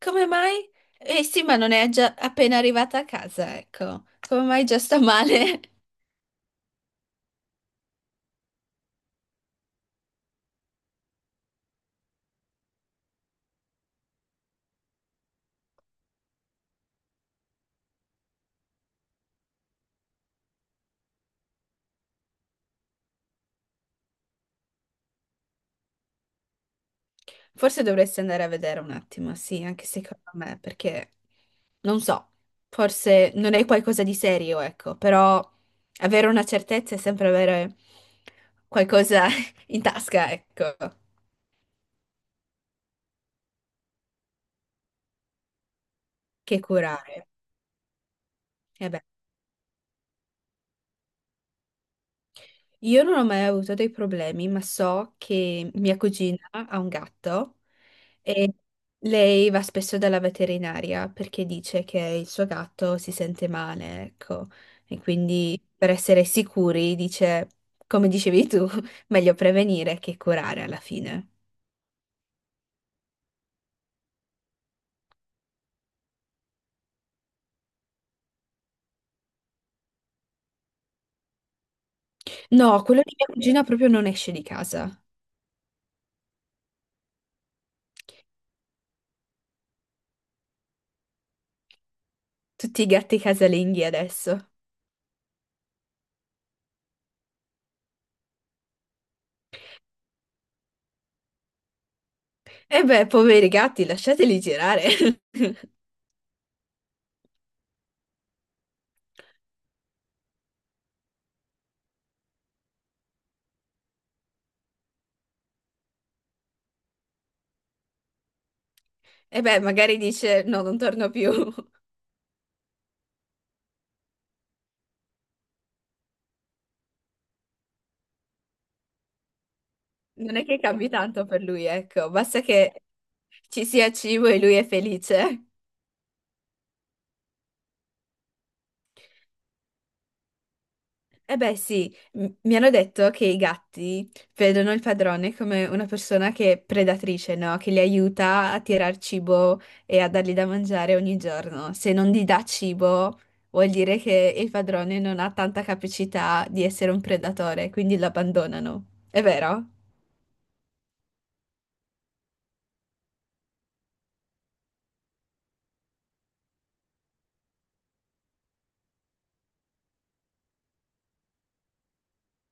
Come mai? Eh sì, ma non è già appena arrivata a casa, ecco. Come mai già sta male? Forse dovresti andare a vedere un attimo, sì, anche secondo me, perché non so, forse non è qualcosa di serio, ecco, però avere una certezza è sempre avere qualcosa in tasca, ecco, che curare. E beh, io non ho mai avuto dei problemi, ma so che mia cugina ha un gatto. E lei va spesso dalla veterinaria perché dice che il suo gatto si sente male, ecco. E quindi per essere sicuri dice, come dicevi tu, meglio prevenire che curare alla fine. No, quello di mia cugina proprio non esce di casa. Tutti i gatti casalinghi adesso. E beh, poveri gatti, lasciateli girare. E beh, magari dice no, non torno più. Non è che cambi tanto per lui, ecco, basta che ci sia cibo e lui è felice. Eh beh, sì, mi hanno detto che i gatti vedono il padrone come una persona che è predatrice, no? Che li aiuta a tirar cibo e a dargli da mangiare ogni giorno. Se non gli dà cibo, vuol dire che il padrone non ha tanta capacità di essere un predatore, quindi lo abbandonano. È vero?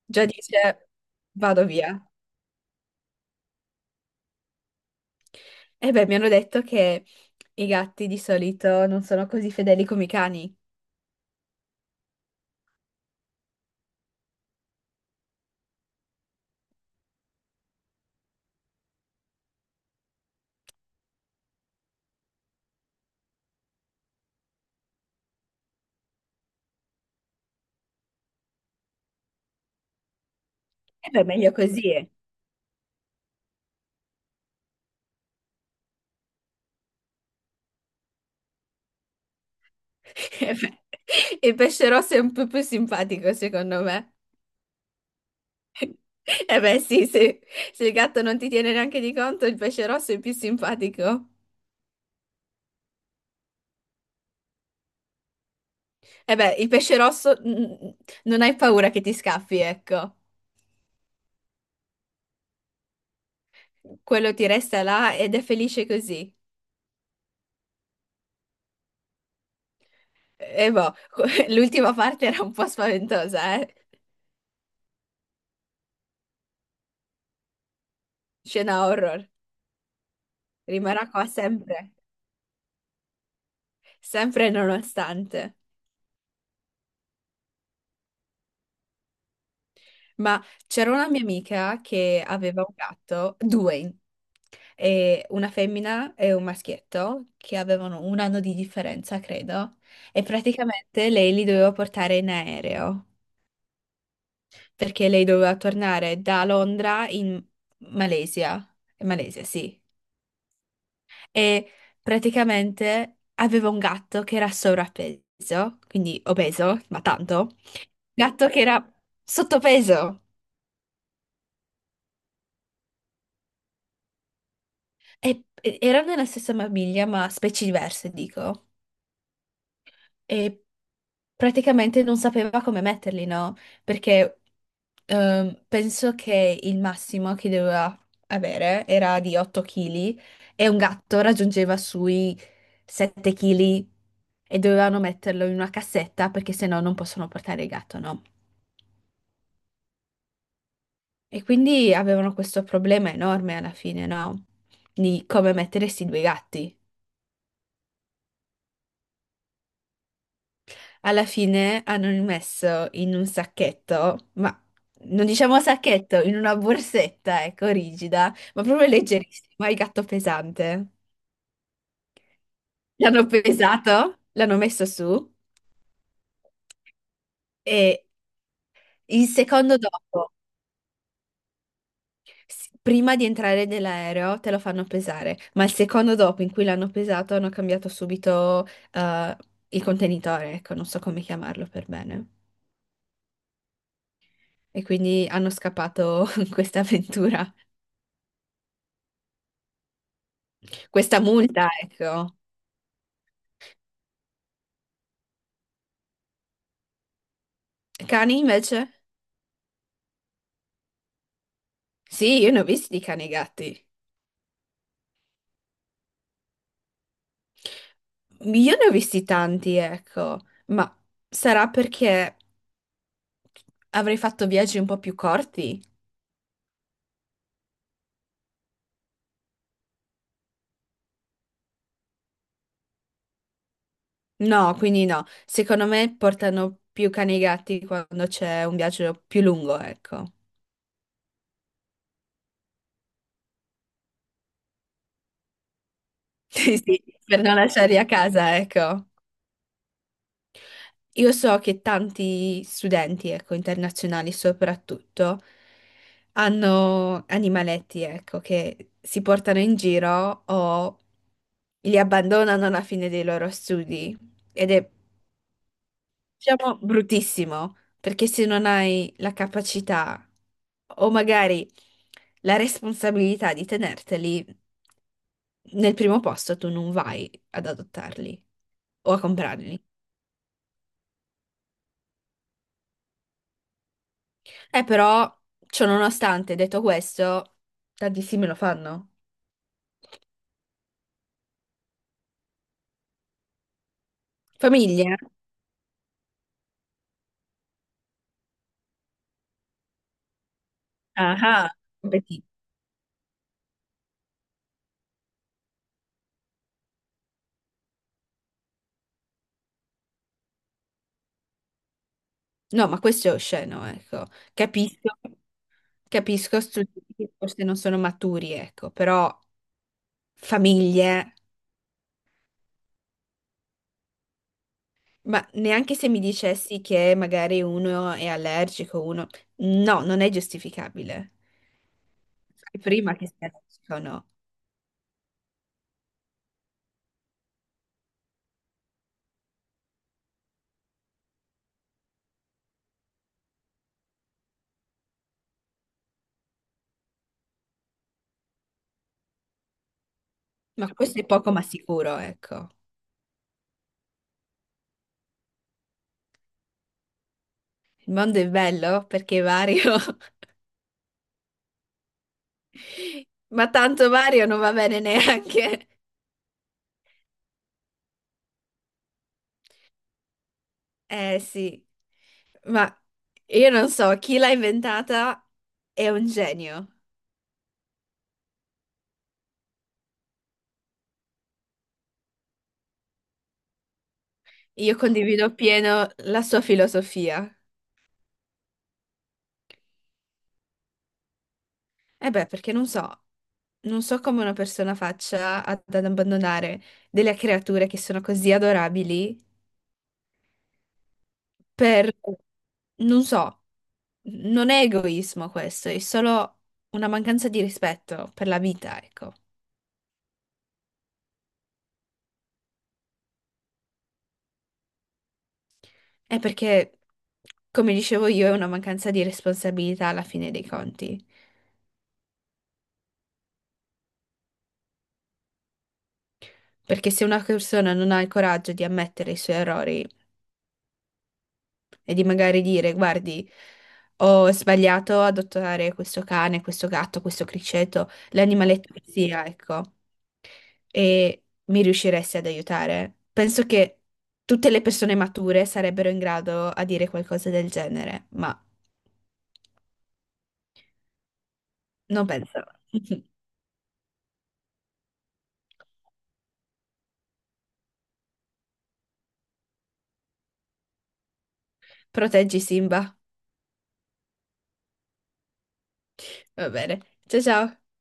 Già dice, vado via. Eh beh, mi hanno detto che i gatti di solito non sono così fedeli come i cani. E beh, meglio così. Eh. Eh beh, il pesce rosso è un po' più simpatico, secondo me. Eh beh, sì, se, se il gatto non ti tiene neanche di conto, il pesce rosso è più simpatico. Eh beh, il pesce rosso mm, non hai paura che ti scappi, ecco. Quello ti resta là ed è felice così. E boh, l'ultima parte era un po' spaventosa, eh? Scena horror. Rimarrà qua sempre, sempre e nonostante. Ma c'era una mia amica che aveva un gatto, due. E una femmina e un maschietto che avevano un anno di differenza, credo, e praticamente lei li doveva portare in aereo perché lei doveva tornare da Londra in Malesia, Malesia, sì, e praticamente aveva un gatto che era sovrappeso, quindi obeso, ma tanto, gatto che era sottopeso. E erano nella stessa famiglia, ma specie diverse, dico. E praticamente non sapeva come metterli, no? Perché penso che il massimo che doveva avere era di 8 kg e un gatto raggiungeva sui 7 kg e dovevano metterlo in una cassetta perché sennò non possono portare il gatto, no? E quindi avevano questo problema enorme alla fine, no? Di come mettere questi due gatti. Alla fine hanno rimesso in un sacchetto, ma non diciamo sacchetto, in una borsetta, ecco, rigida, ma proprio leggerissima, il gatto pesante. L'hanno pesato, l'hanno messo su e il secondo dopo, prima di entrare nell'aereo, te lo fanno pesare, ma il secondo dopo in cui l'hanno pesato hanno cambiato subito eh, il contenitore, ecco, non so come chiamarlo per bene. E quindi hanno scappato questa avventura, questa multa, ecco. Cani invece? Sì, io ne ho visti di cani e gatti. Io ne ho visti tanti, ecco, ma sarà perché avrei fatto viaggi un po' più corti? No, quindi no. Secondo me portano più cani e gatti quando c'è un viaggio più lungo, ecco. Sì, sì, per non lasciarli a casa, ecco. Io so che tanti studenti, ecco, internazionali soprattutto, hanno animaletti, ecco, che si portano in giro o li abbandonano alla fine dei loro studi. Ed è, diciamo, bruttissimo, perché se non hai la capacità o magari la responsabilità di tenerteli, nel primo posto tu non vai ad adottarli o a comprarli. Però, ciononostante, detto questo, tantissimi lo fanno. Famiglie? Ah, ah, competi- no, ma questo è osceno, ecco. Capisco, capisco, studenti forse non sono maturi, ecco, però famiglie, ma neanche se mi dicessi che magari uno è allergico, uno... No, non è giustificabile. Sai prima che sia allergico o no. Ma questo è poco ma sicuro, ecco. Il mondo è bello perché è vario. Ma tanto Mario non va bene neanche. Eh sì, ma io non so, chi l'ha inventata è un genio. Io condivido pieno la sua filosofia. Eh beh, perché non so, non so come una persona faccia ad abbandonare delle creature che sono così adorabili per, non so, non è egoismo questo, è solo una mancanza di rispetto per la vita, ecco. È perché, come dicevo io, è una mancanza di responsabilità alla fine dei conti. Perché se una persona non ha il coraggio di ammettere i suoi errori e di magari dire, guardi, ho sbagliato ad adottare questo cane, questo gatto, questo criceto, l'animaletto che sia, ecco, e mi riusciresti ad aiutare, penso che tutte le persone mature sarebbero in grado a dire qualcosa del genere, ma non penso. Proteggi Simba. Va bene. Ciao ciao.